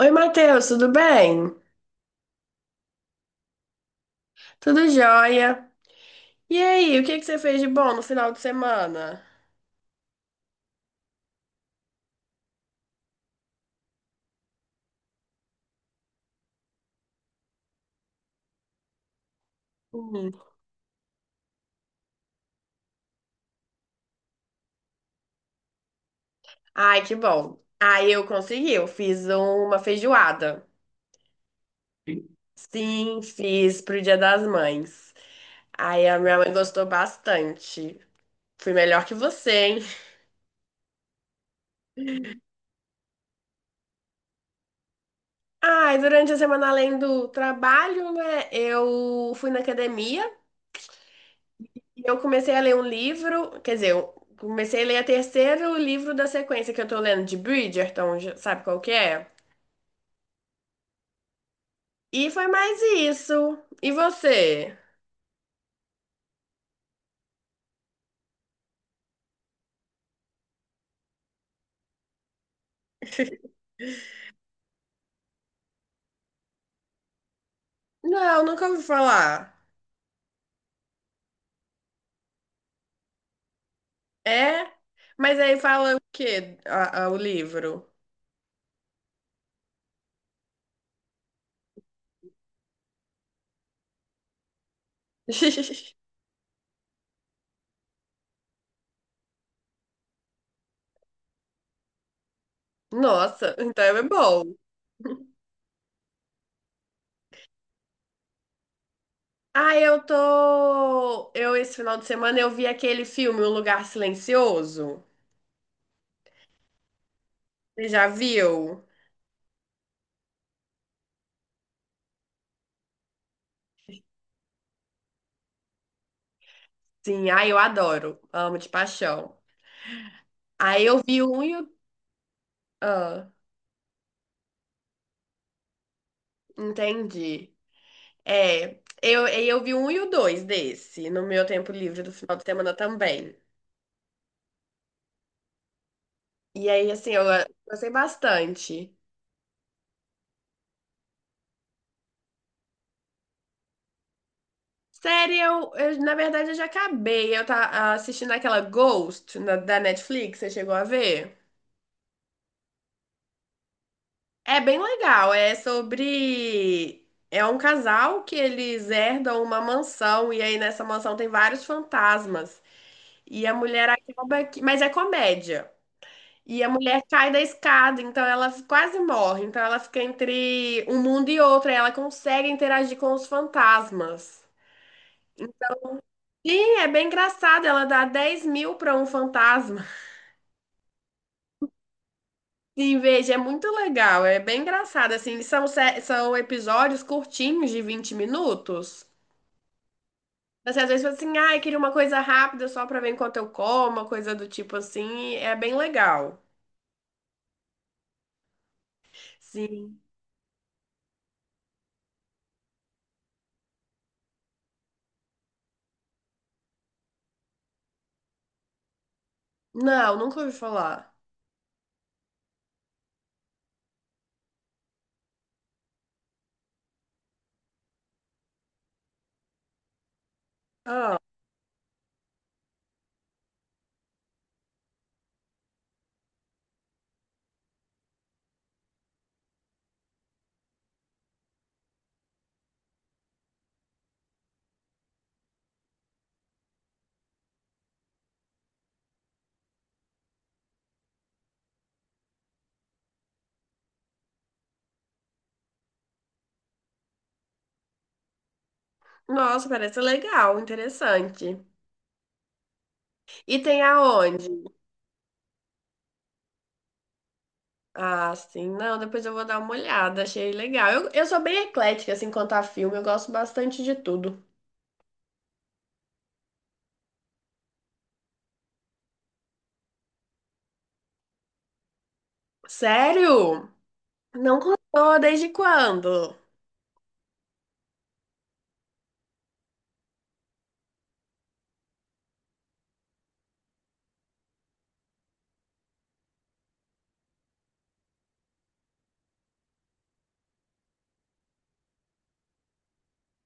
Oi, Matheus, tudo bem? Tudo jóia? E aí, o que que você fez de bom no final de semana? Hum. Ai, que bom. Eu fiz uma feijoada. Sim, fiz pro Dia das Mães. Aí a minha mãe gostou bastante. Fui melhor que você, hein? Ai, durante a semana, além do trabalho, né, eu fui na academia. E eu comecei a ler um livro, quer dizer, eu comecei a ler o terceiro livro da sequência que eu tô lendo, de Bridgerton, já sabe qual que é? E foi mais isso. E você? Não, nunca ouvi falar. É? Mas aí fala o quê, o livro? Nossa, então é bom. Ah, eu tô. Esse final de semana, eu vi aquele filme, Um Lugar Silencioso. Você já viu? Sim, ah, eu adoro. Amo de paixão. Aí eu vi o um e o... Ah, entendi. Aí eu vi um e o dois desse, no meu tempo livre do final de semana também. E aí, assim, eu gostei bastante. Série, na verdade, eu já acabei. Eu tá assistindo aquela Ghost da Netflix, você chegou a ver? É bem legal, é sobre... É um casal que eles herdam uma mansão, e aí nessa mansão tem vários fantasmas. E a mulher acaba que... Mas é comédia. E a mulher cai da escada, então ela quase morre. Então ela fica entre um mundo e outro, e ela consegue interagir com os fantasmas. Sim, é bem engraçado. Ela dá 10 mil pra um fantasma. Sim, veja, é muito legal. É bem engraçado. Assim, são episódios curtinhos de 20 minutos. Você às vezes fala assim, ah, queria uma coisa rápida só pra ver enquanto eu como, uma coisa do tipo assim. É bem legal. Sim. Não, nunca ouvi falar. Ah. Nossa, parece legal, interessante. E tem aonde? Ah, sim. Não, depois eu vou dar uma olhada, achei legal. Eu sou bem eclética, assim, quanto a filme, eu gosto bastante de tudo. Sério? Não contou desde quando?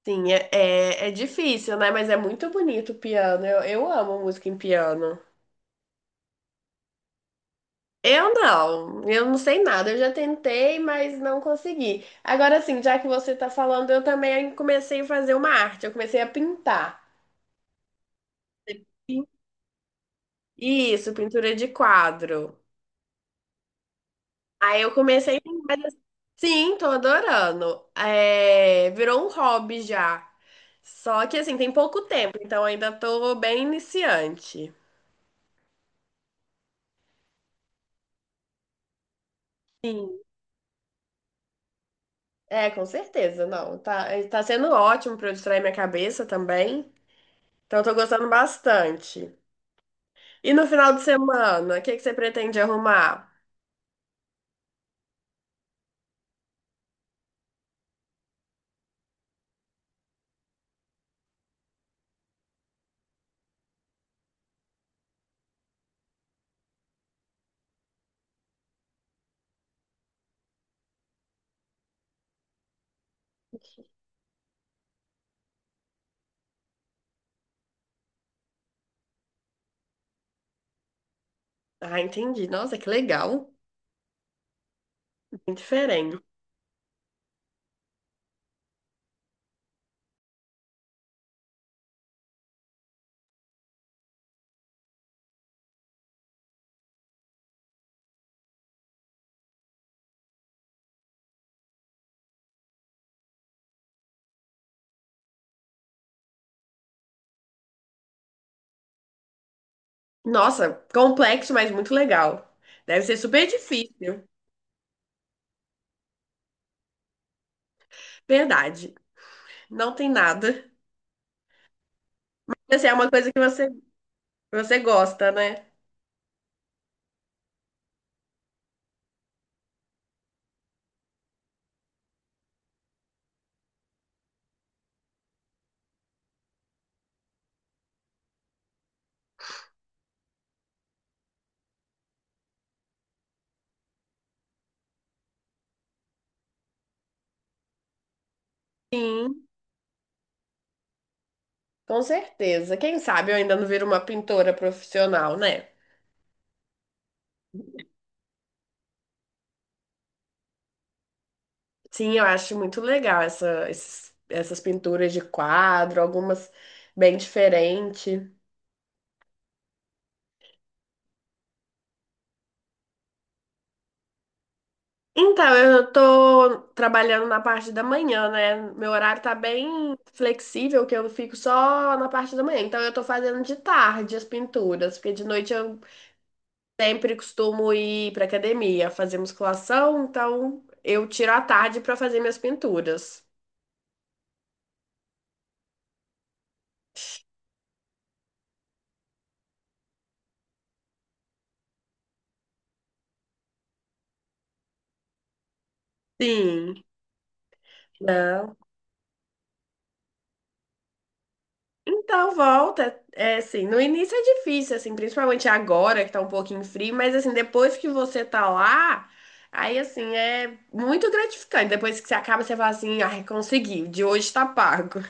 Sim, é difícil, né? Mas é muito bonito o piano. Eu amo música em piano. Eu não sei nada. Eu já tentei, mas não consegui. Agora, assim, já que você tá falando, eu também comecei a fazer uma arte, eu comecei a pintar. Isso, pintura de quadro. Aí eu comecei. mas, Sim, tô adorando. É, virou um hobby já. Só que assim, tem pouco tempo, então ainda tô bem iniciante. Sim. É, com certeza, não. Tá sendo ótimo pra eu distrair minha cabeça também. Então eu tô gostando bastante. E no final de semana, o que que você pretende arrumar? Ah, entendi. Nossa, que legal. Bem diferente. Nossa, complexo, mas muito legal. Deve ser super difícil. Verdade. Não tem nada. Mas é uma coisa que você gosta, né? Sim, com certeza. Quem sabe eu ainda não viro uma pintora profissional, né? Sim, eu acho muito legal essas pinturas de quadro, algumas bem diferentes. Então, eu tô trabalhando na parte da manhã, né? Meu horário tá bem flexível, que eu fico só na parte da manhã. Então, eu tô fazendo de tarde as pinturas, porque de noite eu sempre costumo ir para academia, fazer musculação, então eu tiro a tarde para fazer minhas pinturas. Sim, não. Então volta, é assim, no início é difícil, assim, principalmente agora que tá um pouquinho frio, mas assim, depois que você tá lá, aí assim, é muito gratificante. Depois que você acaba, você fala assim, ai, consegui, o de hoje tá pago.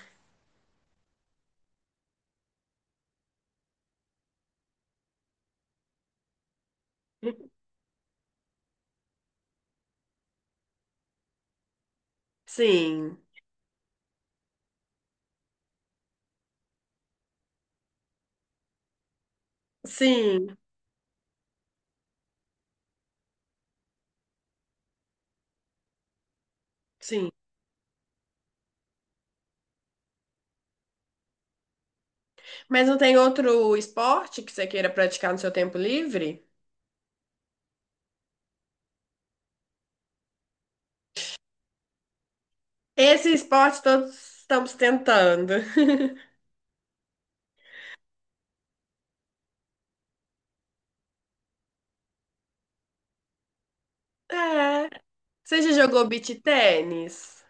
Sim, sim, sim. Mas não tem outro esporte que você queira praticar no seu tempo livre? Esse esporte todos estamos tentando. É. Você já jogou beach tênis?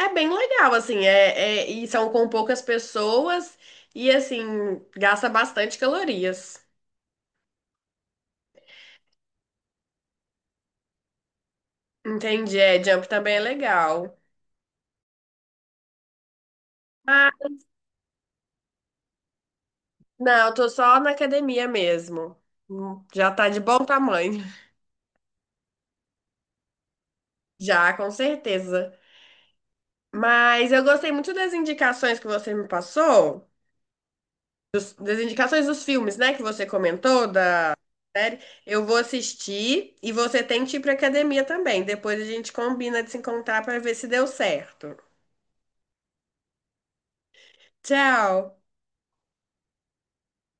É bem legal, assim, e são com poucas pessoas e, assim, gasta bastante calorias. Entendi, é, jump também é legal. Ah, não, eu tô só na academia mesmo. Já tá de bom tamanho. Já, com certeza. Mas eu gostei muito das indicações que você me passou, das indicações dos filmes, né, que você comentou, da série. Eu vou assistir e você tem que ir pra academia também. Depois a gente combina de se encontrar pra ver se deu certo. Tchau!